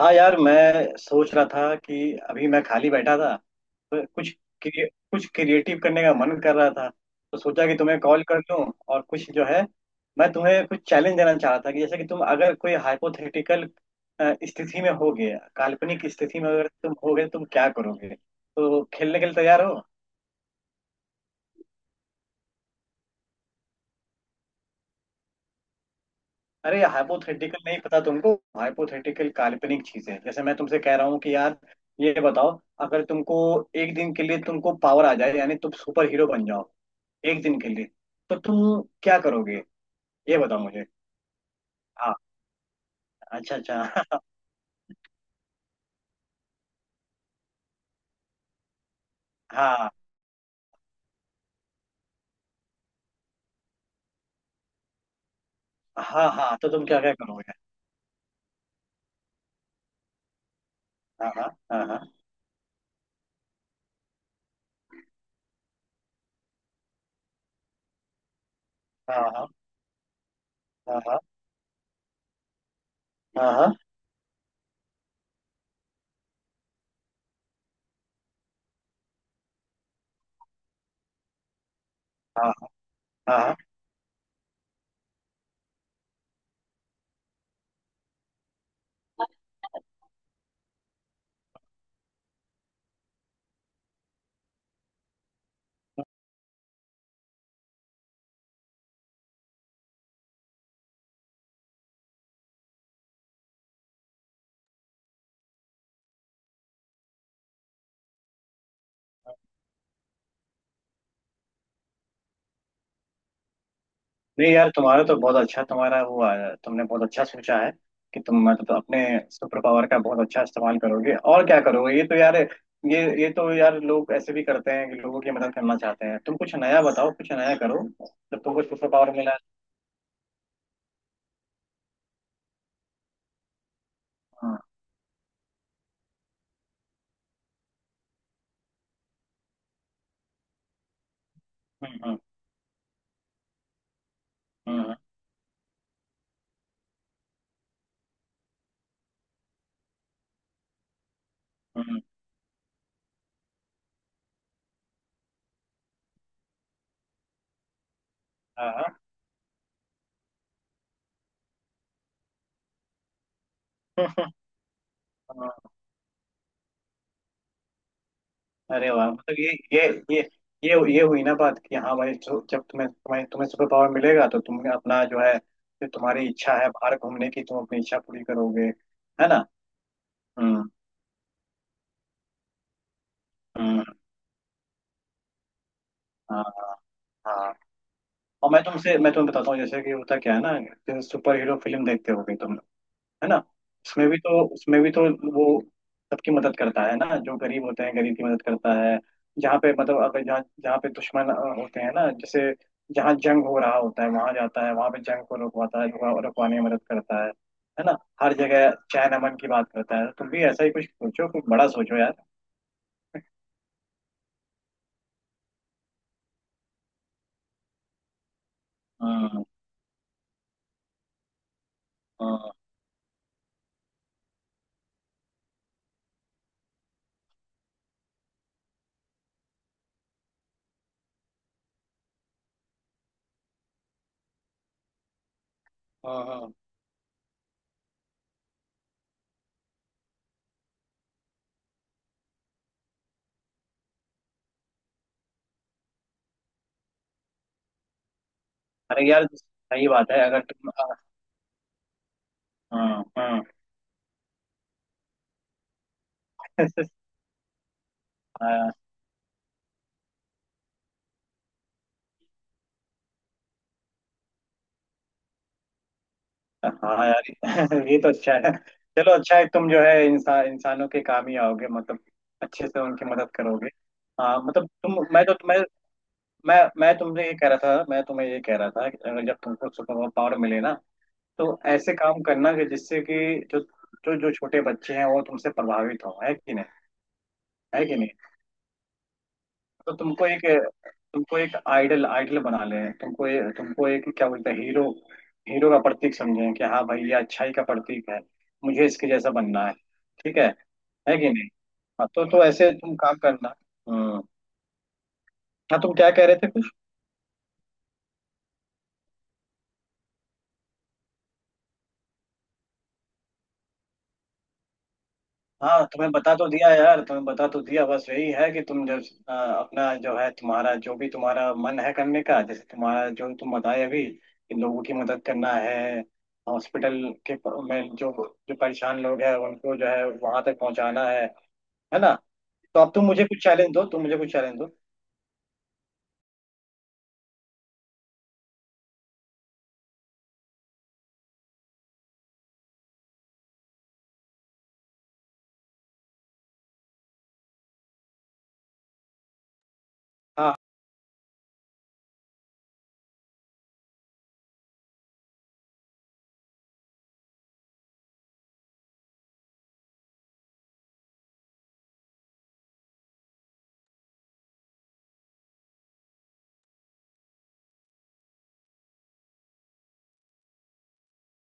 हाँ यार, मैं सोच रहा था कि अभी मैं खाली बैठा था। तो कुछ क्रिए, कुछ क्रिएटिव करने का मन कर रहा था, तो सोचा कि तुम्हें कॉल कर लूं। और कुछ जो है, मैं तुम्हें कुछ चैलेंज देना चाह रहा था कि जैसे कि तुम अगर कोई हाइपोथेटिकल स्थिति में होगे, काल्पनिक स्थिति में अगर तुम होगे, तुम क्या करोगे। तो खेलने के लिए तैयार हो? अरे हाइपोथेटिकल नहीं पता तुमको? हाइपोथेटिकल काल्पनिक चीजें, जैसे मैं तुमसे कह रहा हूँ कि यार ये बताओ, अगर तुमको एक दिन के लिए तुमको पावर आ जाए, यानी तुम सुपर हीरो बन जाओ एक दिन के लिए, तो तुम क्या करोगे? ये बताओ मुझे। हाँ। अच्छा अच्छा। हाँ हाँ हाँ, तो तुम क्या क्या करोगे? हाँ हाँ हाँ हाँ। हाँ हाँ। हाँ हाँ हाँ। हाँ। हाँ हाँ। हाँ। नहीं यार, तुम्हारा तो बहुत अच्छा, तुम्हारा हुआ है, तुमने बहुत अच्छा सोचा है कि तुम मतलब अपने सुपर पावर का बहुत अच्छा इस्तेमाल करोगे। और क्या करोगे? ये तो यार, ये तो यार लोग ऐसे भी करते हैं कि लोगों की मदद करना चाहते हैं। तुम कुछ नया बताओ, कुछ नया करो, जब तुमको सुपर पावर मिला है। हाँ। हम्म। हम्म। हम्म। हम्म। हम्म। हाँ हाँ। हाँ। अरे वाह, मतलब ये हुई ना बात कि हाँ भाई, जब तुम्हें तुम्हें तुम्हें सुपर पावर मिलेगा तो तुम अपना जो है, जो तुम्हारी इच्छा है बाहर घूमने की, तुम अपनी इच्छा पूरी करोगे। है ना। हम्म। हम्म। हाँ हाँ हाँ। और मैं तुमसे, मैं तुम्हें बताता हूँ जैसे कि होता क्या है ना, जैसे सुपर हीरो फिल्म देखते होगे तुम लोग, है ना। उसमें भी तो वो सबकी मदद करता है ना, जो गरीब होते हैं गरीब की मदद करता है। जहाँ पे मतलब अगर जहाँ जहाँ पे दुश्मन होते हैं ना, जैसे जहाँ जंग हो रहा होता है वहां जाता है, वहां पे जंग को रुकवाता है, रुकवाने में मदद करता है। है ना। हर जगह चैन अमन की बात करता है। तो तुम भी ऐसा ही कुछ सोचो, कुछ बड़ा सोचो यार। हाँ हाँ हाँ हाँ, अरे यार सही बात है, अगर तुम। हाँ हाँ हाँ हाँ यार, ये तो अच्छा है। चलो अच्छा है, तुम जो है इंसान इंसानों के काम ही आओगे, मतलब अच्छे से उनकी मदद करोगे। हाँ, मतलब तुम, मैं तो तुम्हें, मैं तुमसे ये कह रहा था, मैं तुम्हें ये कह रहा था कि अगर जब तुमको सुपर पावर मिले ना, तो ऐसे काम करना कि जिससे कि जो जो जो छोटे बच्चे हैं वो तुमसे प्रभावित हो। है कि नहीं। है कि नहीं। तो तुमको एक, आइडल आइडल बना लें तुमको, ये तुमको एक क्या बोलते हैं, हीरो, हीरो का प्रतीक समझें कि हाँ भाई, ये अच्छाई का प्रतीक है, मुझे इसके जैसा बनना है। ठीक है। है कि नहीं। हाँ, तो ऐसे तुम काम करना। हम्म। हाँ, तुम क्या कह रहे थे? हाँ, तुम्हें बता तो दिया यार, तुम्हें बता तो दिया, बस यही है कि तुम जब अपना जो है, तुम्हारा जो भी तुम्हारा मन है करने का, जैसे तुम्हारा जो तुम बताए अभी कि लोगों की मदद करना है, हॉस्पिटल के में जो, जो परेशान लोग हैं उनको जो है वहां तक पहुंचाना है। है ना। तो अब तुम मुझे कुछ चैलेंज दो, तुम मुझे कुछ चैलेंज दो। हाँ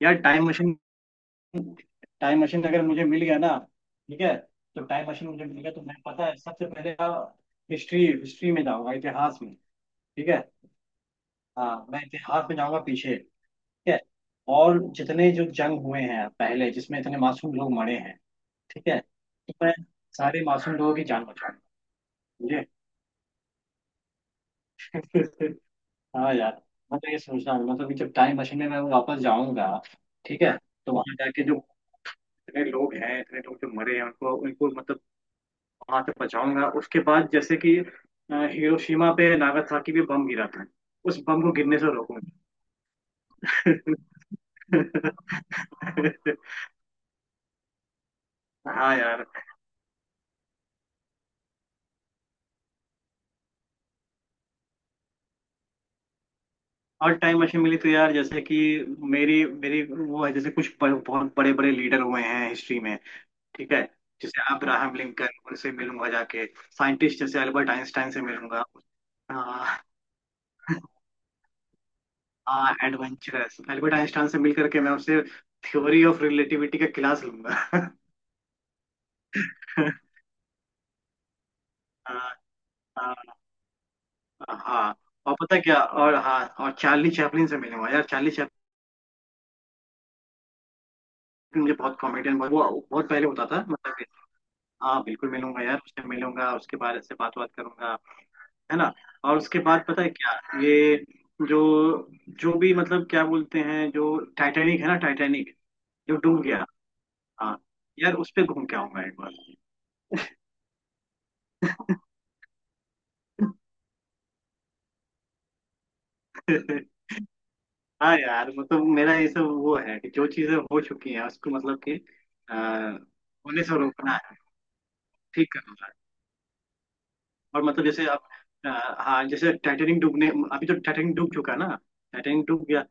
यार, टाइम मशीन, टाइम मशीन अगर मुझे मिल गया ना, ठीक है, तो टाइम मशीन मुझे मिल गया तो मैं, पता है, सबसे पहले हिस्ट्री, हिस्ट्री में जाऊंगा, इतिहास में। ठीक है। हाँ, मैं इतिहास में जाऊंगा पीछे। ठीक है। और जितने जो जंग हुए हैं पहले, जिसमें इतने मासूम लोग मरे हैं, ठीक है, तो मैं सारे मासूम लोगों की जान बचाऊंगा। मुझे। हाँ यार, मैं तो ये सोच रहा हूँ मतलब कि जब टाइम मशीन में मैं वापस जाऊंगा, ठीक है, तो वहां जाके जो इतने लोग हैं, इतने लोग जो मरे हैं उनको उनको मतलब वहां से बचाऊंगा। उसके बाद जैसे कि हिरोशिमा पे, नागासाकी पे बम गिरा था, उस बम को गिरने से रोकूंगा। हाँ यार। और टाइम मशीन मिली तो यार, जैसे कि मेरी मेरी वो है, जैसे कुछ बहुत बड़े बड़े लीडर हुए हैं हिस्ट्री में। ठीक है। जैसे अब्राहम लिंकन, उनसे मिलूंगा जाके। साइंटिस्ट जैसे अल्बर्ट आइंस्टाइन से मिलूंगा। हाँ। हाँ, एडवेंचरस, अल्बर्ट आइंस्टाइन से मिल करके मैं उससे थ्योरी ऑफ रिलेटिविटी का क्लास लूंगा। हाँ। हाँ। हाँ। और पता है क्या, और हाँ, और चार्ली चैपलिन से मिलूंगा यार, चार्ली चैपलिन मुझे बहुत, कॉमेडियन बहुत, वो बहुत पहले होता था मतलब। हाँ, बिल्कुल मिलूंगा यार, उससे मिलूंगा, उसके बारे से बात बात करूंगा। है ना। और उसके बाद पता है क्या, ये जो, जो भी मतलब क्या बोलते हैं, जो टाइटैनिक है ना, टाइटैनिक जो डूब गया, हाँ यार, उस पे घूम के आऊंगा एक बार। हाँ यार, मतलब मेरा ये सब वो है कि जो चीजें हो चुकी हैं उसको मतलब कि होने से रोकना है, ठीक करना है। और मतलब जैसे आप, अ, हाँ जैसे टाइटेनिक डूबने अभी तो टाइटेनिक डूब चुका है ना, टाइटेनिक डूब गया।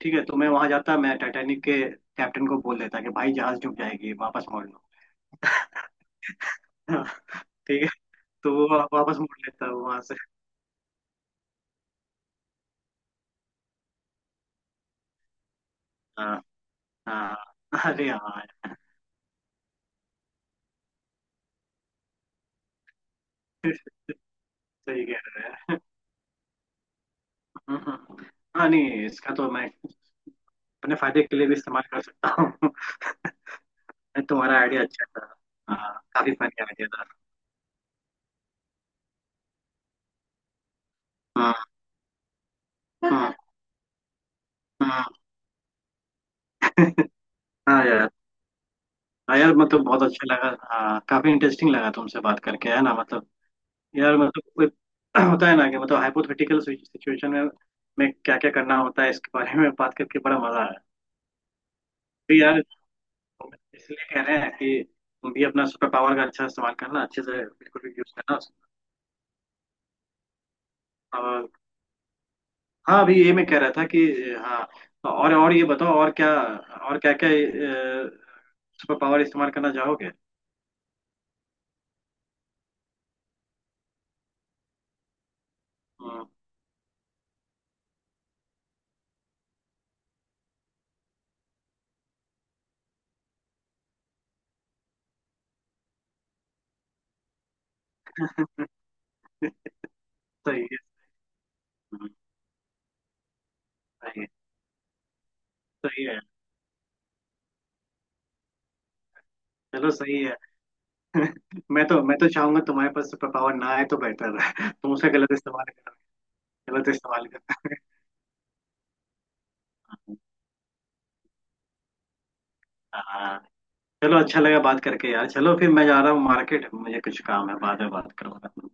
ठीक है, तो मैं वहां जाता, मैं टाइटैनिक के कैप्टन को बोल देता कि भाई जहाज डूब जाएगी, वापस मोड़ लो। हाँ। ठीक है। तो वो वापस मोड़ लेता है वहां से। हाँ हाँ, अरे हाँ। सही कह रहे हैं। हम्म। हम्म। हाँ, नहीं, इसका तो मैं अपने फायदे के लिए भी इस्तेमाल कर सकता हूँ। तुम्हारा आइडिया अच्छा था। हाँ, काफी फनी आइडिया था। हाँ हाँ हाँ। हाँ यार। हाँ यार, मतलब बहुत अच्छा लगा, हाँ काफी इंटरेस्टिंग लगा तुमसे बात करके, है ना मतलब। यार मतलब कोई होता है ना, कि मतलब हाइपोथेटिकल सिचुएशन में क्या क्या करना होता है, इसके बारे में बात करके बड़ा मजा आया। तो यार, इसलिए कह रहे हैं कि तुम भी अपना सुपर पावर का अच्छा इस्तेमाल करना, अच्छे से, बिल्कुल भी यूज करना। और हाँ, अभी ये मैं कह रहा था कि, हाँ तो, और ये बताओ और क्या, और क्या क्या सुपर पावर इस्तेमाल करना चाहोगे? हम्म। सही है। हम्म। सही है। सही है। चलो सही है। मैं तो चाहूंगा तुम्हारे पास सुपर पावर ना आए तो बेहतर है। तुम उसका गलत इस्तेमाल करता है। हाँ। चलो अच्छा लगा बात करके यार, चलो फिर मैं जा रहा हूँ मार्केट, मुझे कुछ काम है, बाद में बात करूंगा।